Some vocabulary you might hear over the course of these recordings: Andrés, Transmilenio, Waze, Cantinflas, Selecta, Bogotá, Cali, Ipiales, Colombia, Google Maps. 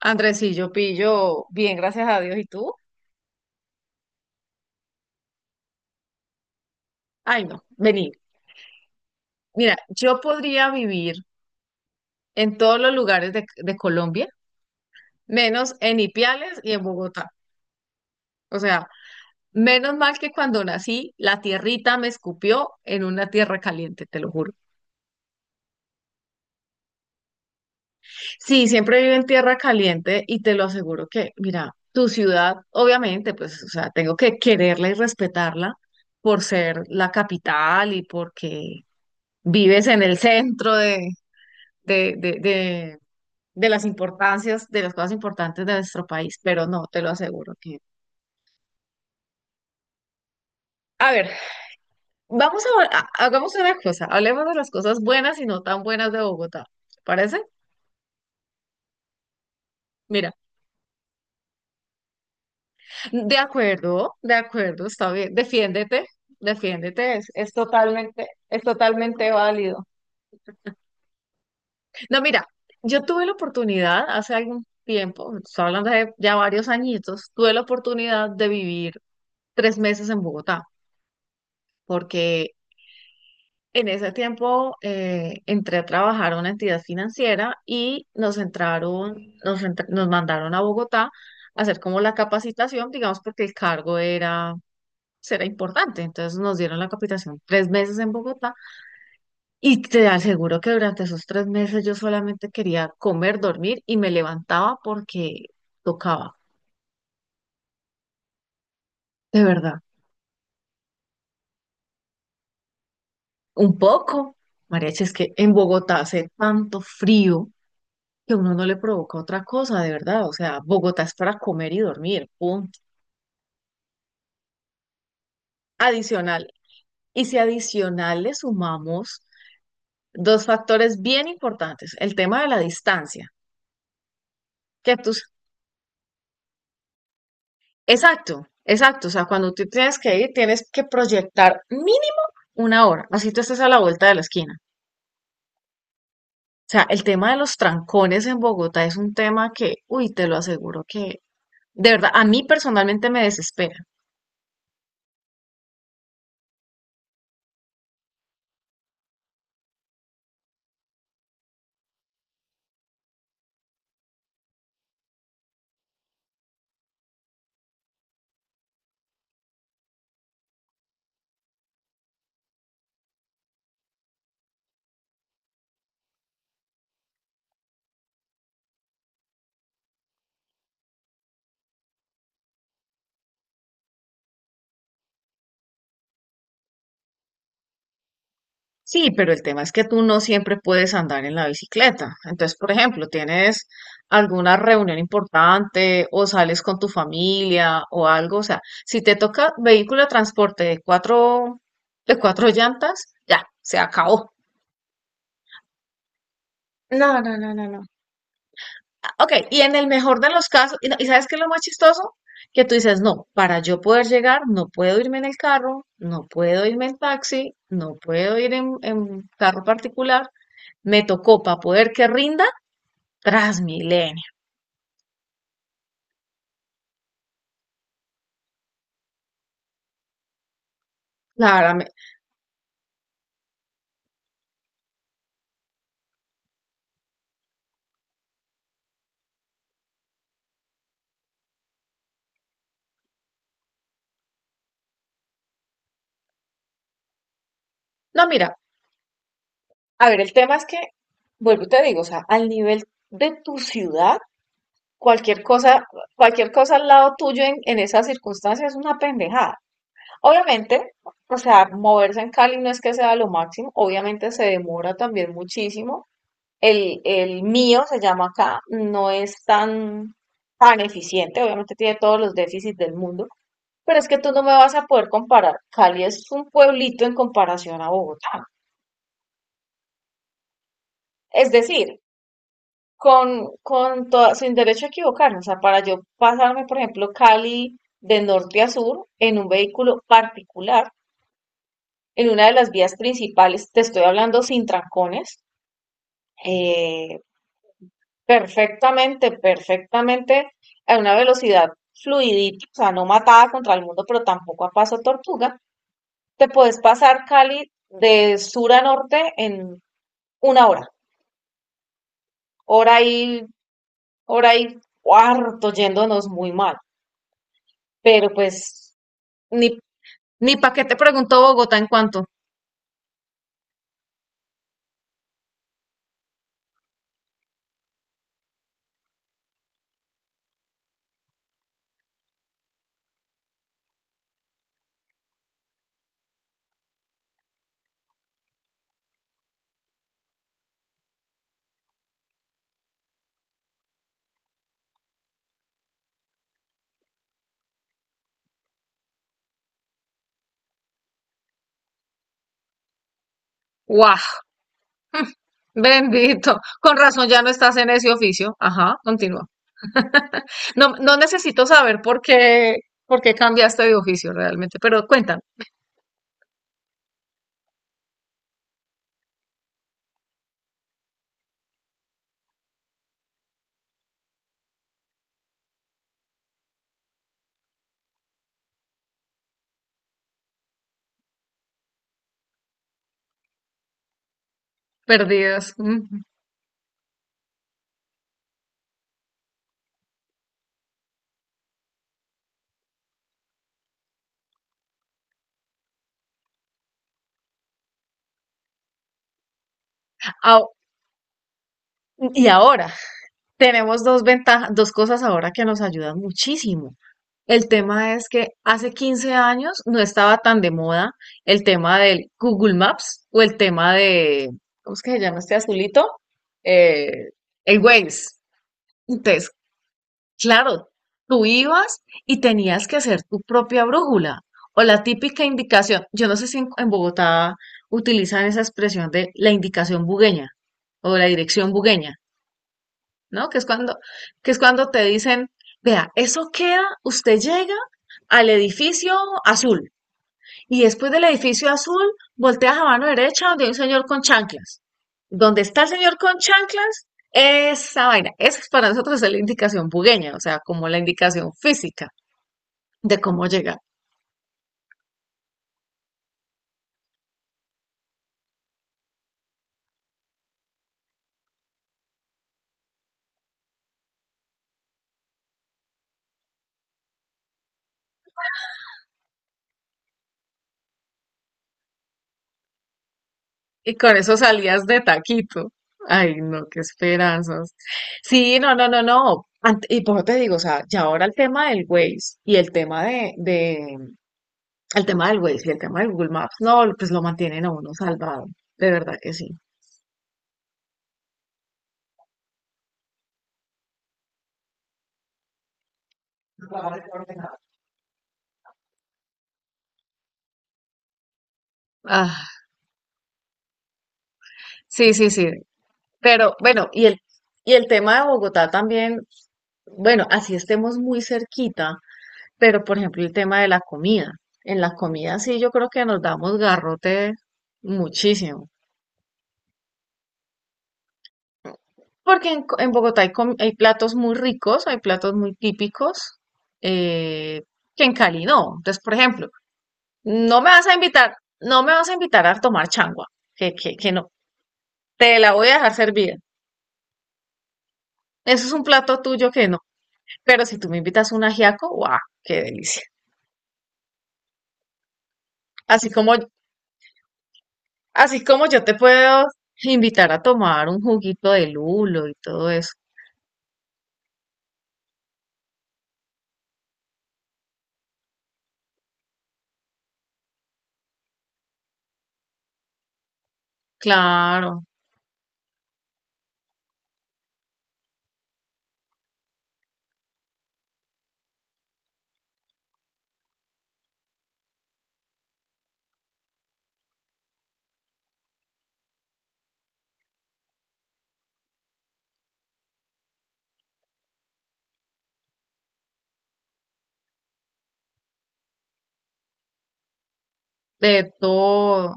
Andrés, sí, yo pillo bien, gracias a Dios. ¿Y tú? Ay, no, vení. Mira, yo podría vivir en todos los lugares de Colombia, menos en Ipiales y en Bogotá. O sea, menos mal que cuando nací, la tierrita me escupió en una tierra caliente, te lo juro. Sí, siempre vivo en tierra caliente y te lo aseguro que, mira, tu ciudad, obviamente, pues, o sea, tengo que quererla y respetarla por ser la capital y porque vives en el centro de de, de, de, de las importancias, de las cosas importantes de nuestro país, pero no, te lo aseguro que... A ver, hagamos una cosa, hablemos de las cosas buenas y no tan buenas de Bogotá, ¿te parece? Mira, de acuerdo, está bien, defiéndete, defiéndete, es totalmente, es totalmente válido. No, mira, yo tuve la oportunidad hace algún tiempo, estoy hablando de ya varios añitos, tuve la oportunidad de vivir 3 meses en Bogotá, porque en ese tiempo entré a trabajar a una entidad financiera y nos entraron, nos, entr- nos mandaron a Bogotá a hacer como la capacitación, digamos, porque el cargo era importante. Entonces nos dieron la capacitación 3 meses en Bogotá y te aseguro que durante esos 3 meses yo solamente quería comer, dormir y me levantaba porque tocaba, de verdad. Un poco, María, es que en Bogotá hace tanto frío que uno no le provoca otra cosa, de verdad. O sea, Bogotá es para comer y dormir, punto. Adicional. Y si adicional le sumamos dos factores bien importantes, el tema de la distancia, que tus... Exacto, exacto. O sea, cuando tú tienes que ir, tienes que proyectar mínimo una hora, así tú estés a la vuelta de la esquina. O sea, el tema de los trancones en Bogotá es un tema que, uy, te lo aseguro que, de verdad, a mí personalmente me desespera. Sí, pero el tema es que tú no siempre puedes andar en la bicicleta. Entonces, por ejemplo, tienes alguna reunión importante o sales con tu familia o algo. O sea, si te toca vehículo de transporte de cuatro llantas, ya, se acabó. No, no, no, no, no. Ok, y en el mejor de los casos, y, no- ¿y sabes qué es lo más chistoso? Que tú dices, no, para yo poder llegar, no puedo irme en el carro, no puedo irme en taxi, no puedo ir en carro particular, me tocó para poder que rinda Transmilenio. La verdad me... No, mira, a ver, el tema es que, vuelvo y te digo, o sea, al nivel de tu ciudad, cualquier cosa, cualquier cosa al lado tuyo en esas circunstancias es una pendejada. Obviamente, o sea, moverse en Cali no es que sea lo máximo, obviamente se demora también muchísimo. El mío se llama acá, no es tan eficiente, obviamente tiene todos los déficits del mundo. Pero es que tú no me vas a poder comparar. Cali es un pueblito en comparación a Bogotá. Es decir, sin derecho a equivocarme. O sea, para yo pasarme, por ejemplo, Cali de norte a sur en un vehículo particular, en una de las vías principales, te estoy hablando sin trancones, eh, perfectamente, perfectamente a una velocidad fluidita, o sea, no matada contra el mundo, pero tampoco a paso tortuga, te puedes pasar Cali de sur a norte en una hora, hora y, hora y cuarto yéndonos muy mal. Pero pues, ni, ni pa' qué te pregunto Bogotá en cuanto. ¡Guau! Bendito. Con razón ya no estás en ese oficio. Ajá, continúa. No, no necesito saber por qué cambiaste de oficio realmente, pero cuentan, perdidas. Ujú. Ao... Y ahora, tenemos dos ventajas, dos cosas ahora que nos ayudan muchísimo. El tema es que hace 15 años no estaba tan de moda el tema del Google Maps o el tema de, ¿cómo es que se llama este azulito? Eh, el Waze. Entonces, claro, tú ibas y tenías que hacer tu propia brújula o la típica indicación. Yo no sé si en Bogotá utilizan esa expresión de la indicación bugueña o la dirección bugueña. ¿No? Que es cuando te dicen, vea, eso queda, usted llega al edificio azul y después del edificio azul volteas a mano derecha donde hay un señor con chanclas. Donde está el señor con chanclas, esa vaina. Esa es para nosotros es la indicación bugueña, o sea, como la indicación física de cómo llegar. Y con eso salías de taquito. Ay, no, qué esperanzas. Sí, no, no, no, no. Ant- y por eso te digo, o sea, ya ahora el tema del Waze y el tema el tema del Waze y el tema del Google Maps, no, pues lo mantienen a uno salvado, de verdad que sí. Ah, sí, sí, sí. Pero bueno, y el tema de Bogotá también, bueno, así estemos muy cerquita, pero por ejemplo el tema de la comida. En la comida sí yo creo que nos damos garrote muchísimo. Porque en Bogotá hay platos muy ricos, hay platos muy típicos, eh, que en Cali no. Entonces, por ejemplo, no me vas a invitar, no me vas a invitar a tomar changua, que no. Te la voy a dejar servida. Eso es un plato tuyo que no. Pero si tú me invitas un ajiaco, ¡guau! ¡Qué delicia! Así como, así como yo te puedo invitar a tomar un juguito de lulo y todo eso. Claro, de todo,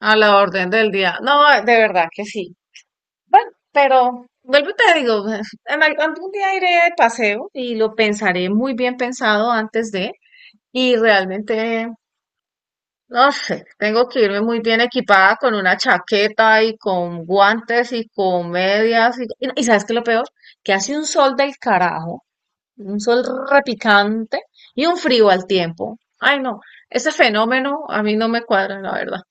a la orden del día. No, de verdad que sí. Bueno, pero vuelvo y te digo, en algún día iré de paseo y lo pensaré muy bien pensado antes de, y realmente no sé, tengo que irme muy bien equipada con una chaqueta y con guantes y con medias. Y ¿sabes qué es lo peor? Que hace un sol del carajo, un sol repicante y un frío al tiempo. Ay, no, ese fenómeno a mí no me cuadra, la verdad.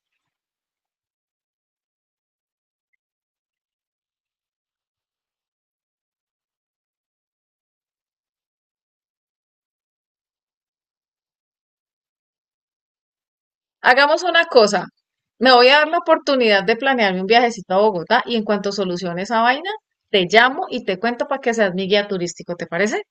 Hagamos una cosa, me voy a dar la oportunidad de planearme un viajecito a Bogotá y en cuanto solucione esa vaina, te llamo y te cuento para que seas mi guía turístico, ¿te parece?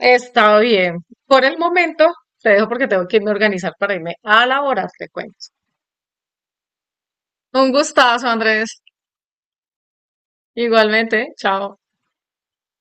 Está bien. Por el momento te dejo porque tengo que irme a organizar para irme a laborar, te cuento. Un gustazo, Andrés. Igualmente, chao.